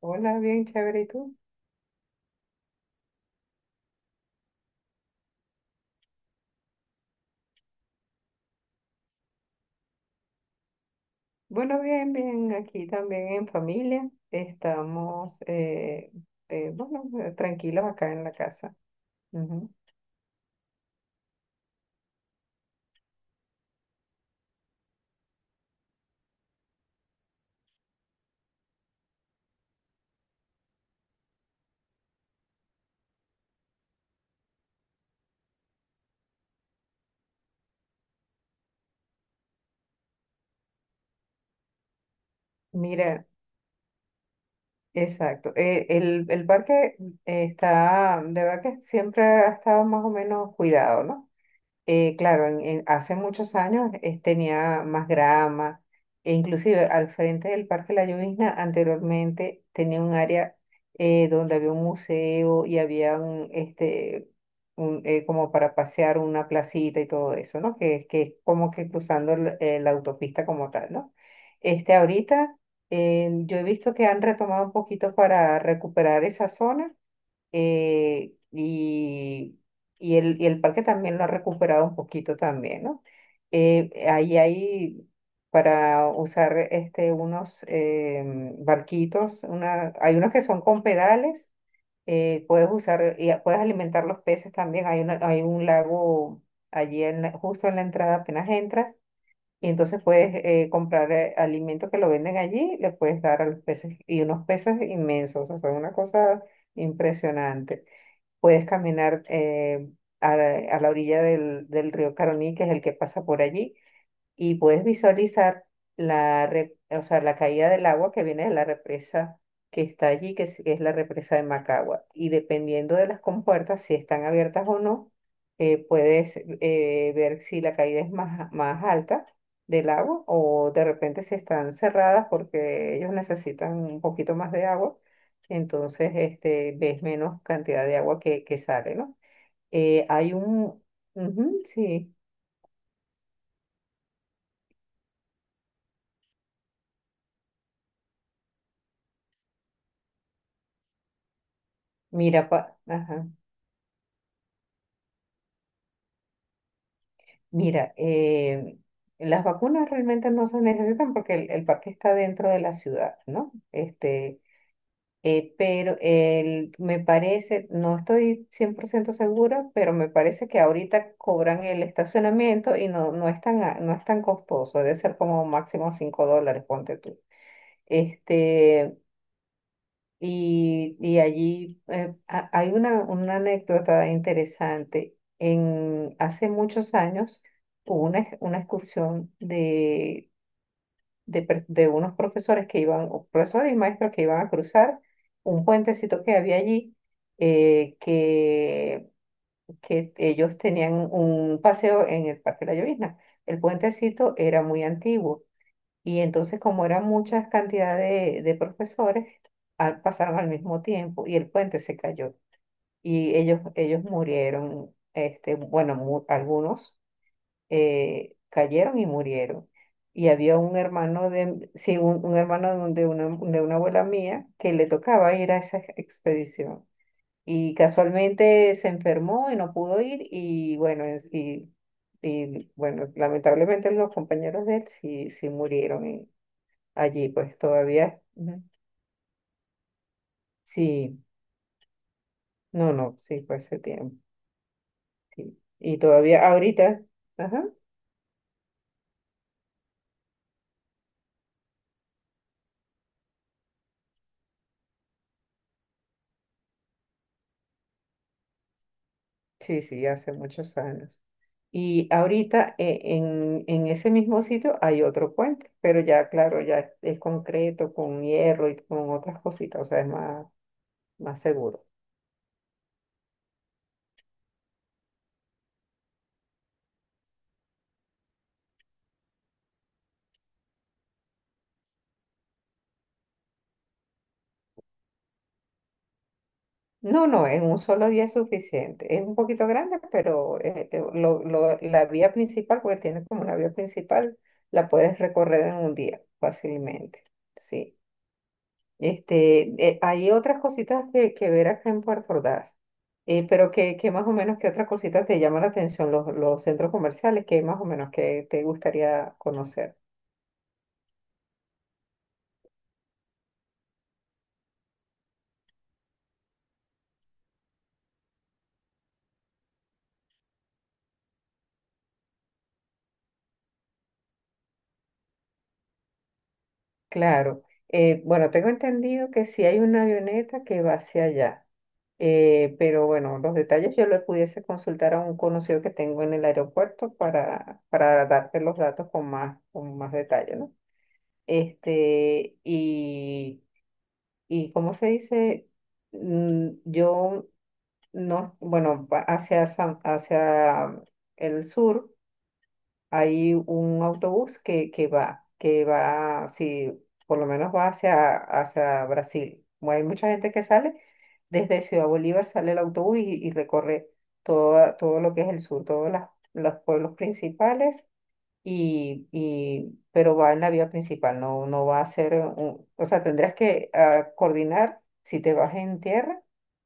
Hola, bien chévere, ¿y tú? Bueno, bien, bien, aquí también en familia. Estamos, bueno, tranquilos acá en la casa. Ujú. Mira, exacto. El parque está, de verdad que siempre ha estado más o menos cuidado, ¿no? Claro, hace muchos años tenía más grama, e inclusive al frente del Parque La Llovizna anteriormente tenía un área donde había un museo y había como para pasear una placita y todo eso, ¿no? Que es como que cruzando la autopista como tal, ¿no? Este, ahorita yo he visto que han retomado un poquito para recuperar esa zona eh, y, y el parque también lo ha recuperado un poquito también, ¿no? Ahí hay para usar este, unos barquitos, hay unos que son con pedales, puedes usar, puedes alimentar los peces también, hay un lago allí en justo en la entrada apenas entras. Y entonces puedes comprar alimento que lo venden allí, le puedes dar a los peces, y unos peces inmensos, o sea, son una cosa impresionante. Puedes caminar a la orilla del río Caroní, que es el que pasa por allí, y puedes visualizar o sea, la caída del agua que viene de la represa que está allí, que es la represa de Macagua. Y dependiendo de las compuertas, si están abiertas o no, puedes ver si la caída es más alta del agua o de repente si están cerradas porque ellos necesitan un poquito más de agua. Entonces, este, ves menos cantidad de agua que sale, ¿no? Eh, hay un... ujú, sí, mira, ajá. Mira, las vacunas realmente no se necesitan porque el parque está dentro de la ciudad, ¿no? Este, me parece, no estoy 100% segura, pero me parece que ahorita cobran el estacionamiento y no es no es tan costoso, debe ser como máximo $5, ponte tú. Este, allí hay una anécdota interesante. Hace muchos años hubo una excursión de unos profesores que iban, o profesores y maestros que iban a cruzar un puentecito que había allí, eh, que, que ellos tenían un paseo en el Parque La Llovizna. El puentecito era muy antiguo y entonces, como eran muchas cantidades de profesores, pasaron al mismo tiempo y el puente se cayó. Y ellos murieron, este, bueno, algunos cayeron y murieron. Y había un hermano de, sí, un hermano de, de una abuela mía que le tocaba ir a esa expedición. Y casualmente se enfermó y no pudo ir. Y bueno, bueno, lamentablemente los compañeros de él sí murieron allí, pues todavía, Ujú. Sí, no, no, sí, fue hace tiempo, sí. Y todavía ahorita, ajá, sí, sí, hace muchos años. Y ahorita en ese mismo sitio hay otro puente, pero ya, claro, ya es concreto, con hierro y con otras cositas, o sea, es más, más seguro. No, no, en un solo día es suficiente. Es un poquito grande, pero la vía principal, porque tiene como una vía principal, la puedes recorrer en un día fácilmente. Sí. Este, hay otras cositas que ver acá en Puerto Ordaz. Pero que más o menos, ¿qué otras cositas te llaman la atención los centros comerciales? ¿Qué más o menos que te gustaría conocer? Claro, bueno, tengo entendido que sí hay una avioneta que va hacia allá, pero bueno, los detalles yo los pudiese consultar a un conocido que tengo en el aeropuerto para darte los datos con más detalle, ¿no? Este, y cómo se dice, yo no, bueno, hacia el sur hay un autobús que va, si por lo menos va hacia, hacia Brasil. Hay mucha gente que sale desde Ciudad Bolívar, sale el autobús y recorre toda, todo lo que es el sur, todos los pueblos principales pero va en la vía principal, no va a ser, o sea, tendrás que ah, coordinar si te vas en tierra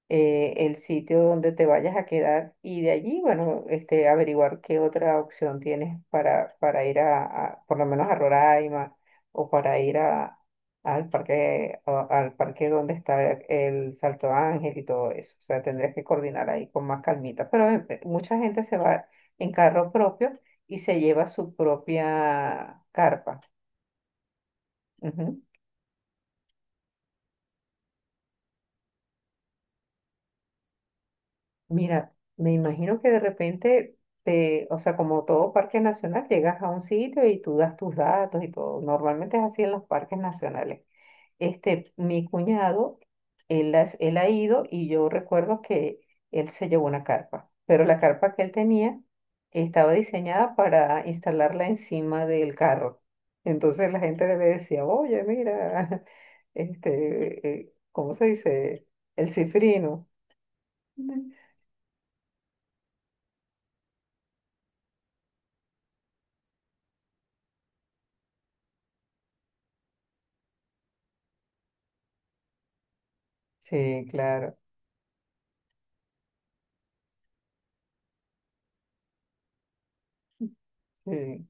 el sitio donde te vayas a quedar y de allí, bueno, este, averiguar qué otra opción tienes para ir a, por lo menos a Roraima o para ir a, al parque, al parque donde está el Salto Ángel y todo eso. O sea, tendrías que coordinar ahí con más calmita. Pero mucha gente se va en carro propio y se lleva su propia carpa. Mira, me imagino que de repente, te, o sea, como todo parque nacional, llegas a un sitio y tú das tus datos y todo. Normalmente es así en los parques nacionales. Este, mi cuñado, él ha ido y yo recuerdo que él se llevó una carpa, pero la carpa que él tenía estaba diseñada para instalarla encima del carro. Entonces la gente le decía, oye, mira, este, ¿cómo se dice? El cifrino. Sí, claro. Sí.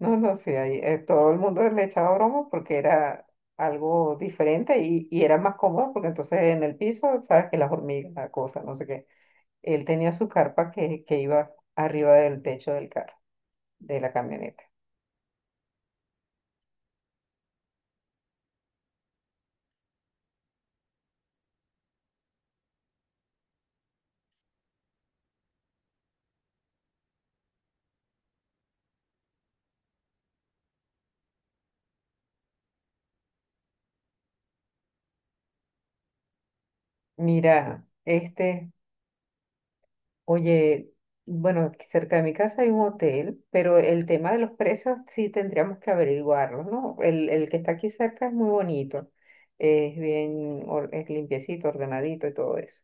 No, no, sí, ahí, todo el mundo le echaba broma porque era algo diferente y era más cómodo porque entonces en el piso, sabes que las hormigas, la cosa, no sé qué. Él tenía su carpa que iba arriba del techo del carro, de la camioneta. Mira, este, Oye, bueno, aquí cerca de mi casa hay un hotel, pero el tema de los precios sí tendríamos que averiguarlo, ¿no? El que está aquí cerca es muy bonito, es bien, es limpiecito, ordenadito y todo eso.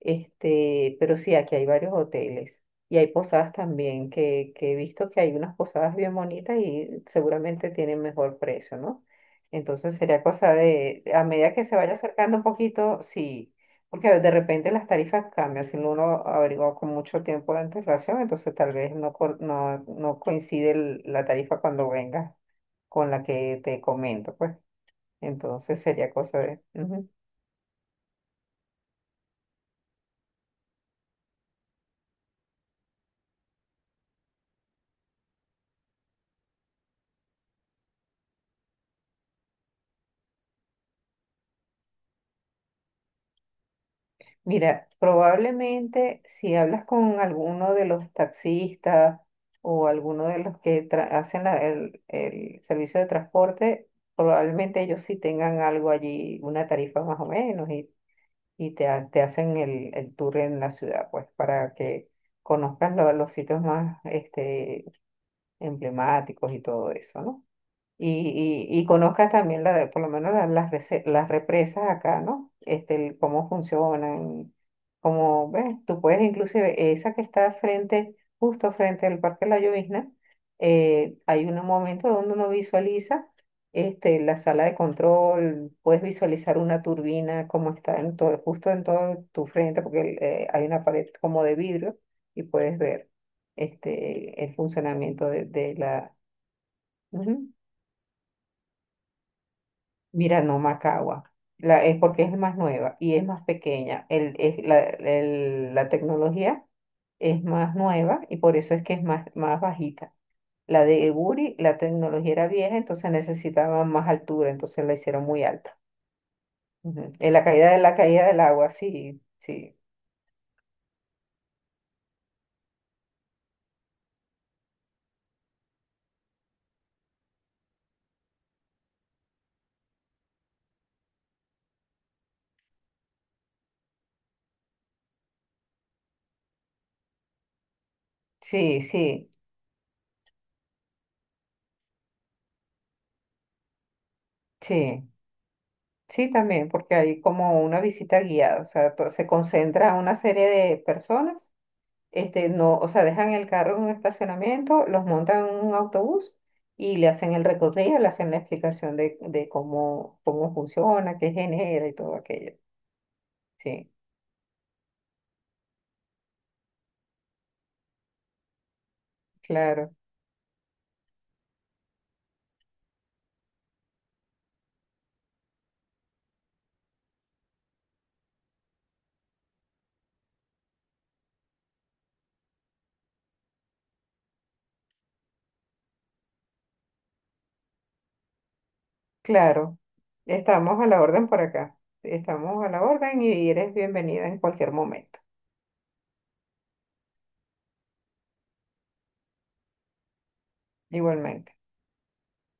Este, pero sí, aquí hay varios hoteles y hay posadas también, que he visto que hay unas posadas bien bonitas y seguramente tienen mejor precio, ¿no? Entonces sería cosa de, a medida que se vaya acercando un poquito, sí, porque de repente las tarifas cambian, si no uno averigua con mucho tiempo de antelación, entonces tal vez no coincide la tarifa cuando venga con la que te comento, pues. Entonces sería cosa de... ujú. Mira, probablemente si hablas con alguno de los taxistas o alguno de los que hacen el servicio de transporte, probablemente ellos sí tengan algo allí, una tarifa más o menos, y te hacen el tour en la ciudad, pues, para que conozcas los sitios más este, emblemáticos y todo eso, ¿no? Y conozcas también por lo menos las represas acá, ¿no? Este, el cómo funcionan, cómo, ves, tú puedes inclusive, esa que está frente, justo frente al Parque La Llovizna, hay un momento donde uno visualiza este, la sala de control, puedes visualizar una turbina como está en todo, justo en todo tu frente, porque hay una pared como de vidrio y puedes ver este, el funcionamiento de la... Ujú. Mira, no, Macagua. La, es porque es más nueva y es más pequeña. El, es la, el- La tecnología es más nueva y por eso es que es más, más bajita. La de Guri, la tecnología era vieja, entonces necesitaba más altura, entonces la hicieron muy alta. Ujú. En la caída de la caída del agua, sí, sí, sí. Sí, también, porque hay como una visita guiada, o sea, se concentra una serie de personas este, no, o sea, dejan el carro en un estacionamiento, los montan en un autobús y le hacen el recorrido, le hacen la explicación de cómo, cómo funciona, qué genera y todo aquello. Sí, claro, claro. Estamos a la orden por acá. Estamos a la orden y eres bienvenida en cualquier momento. Igualmente.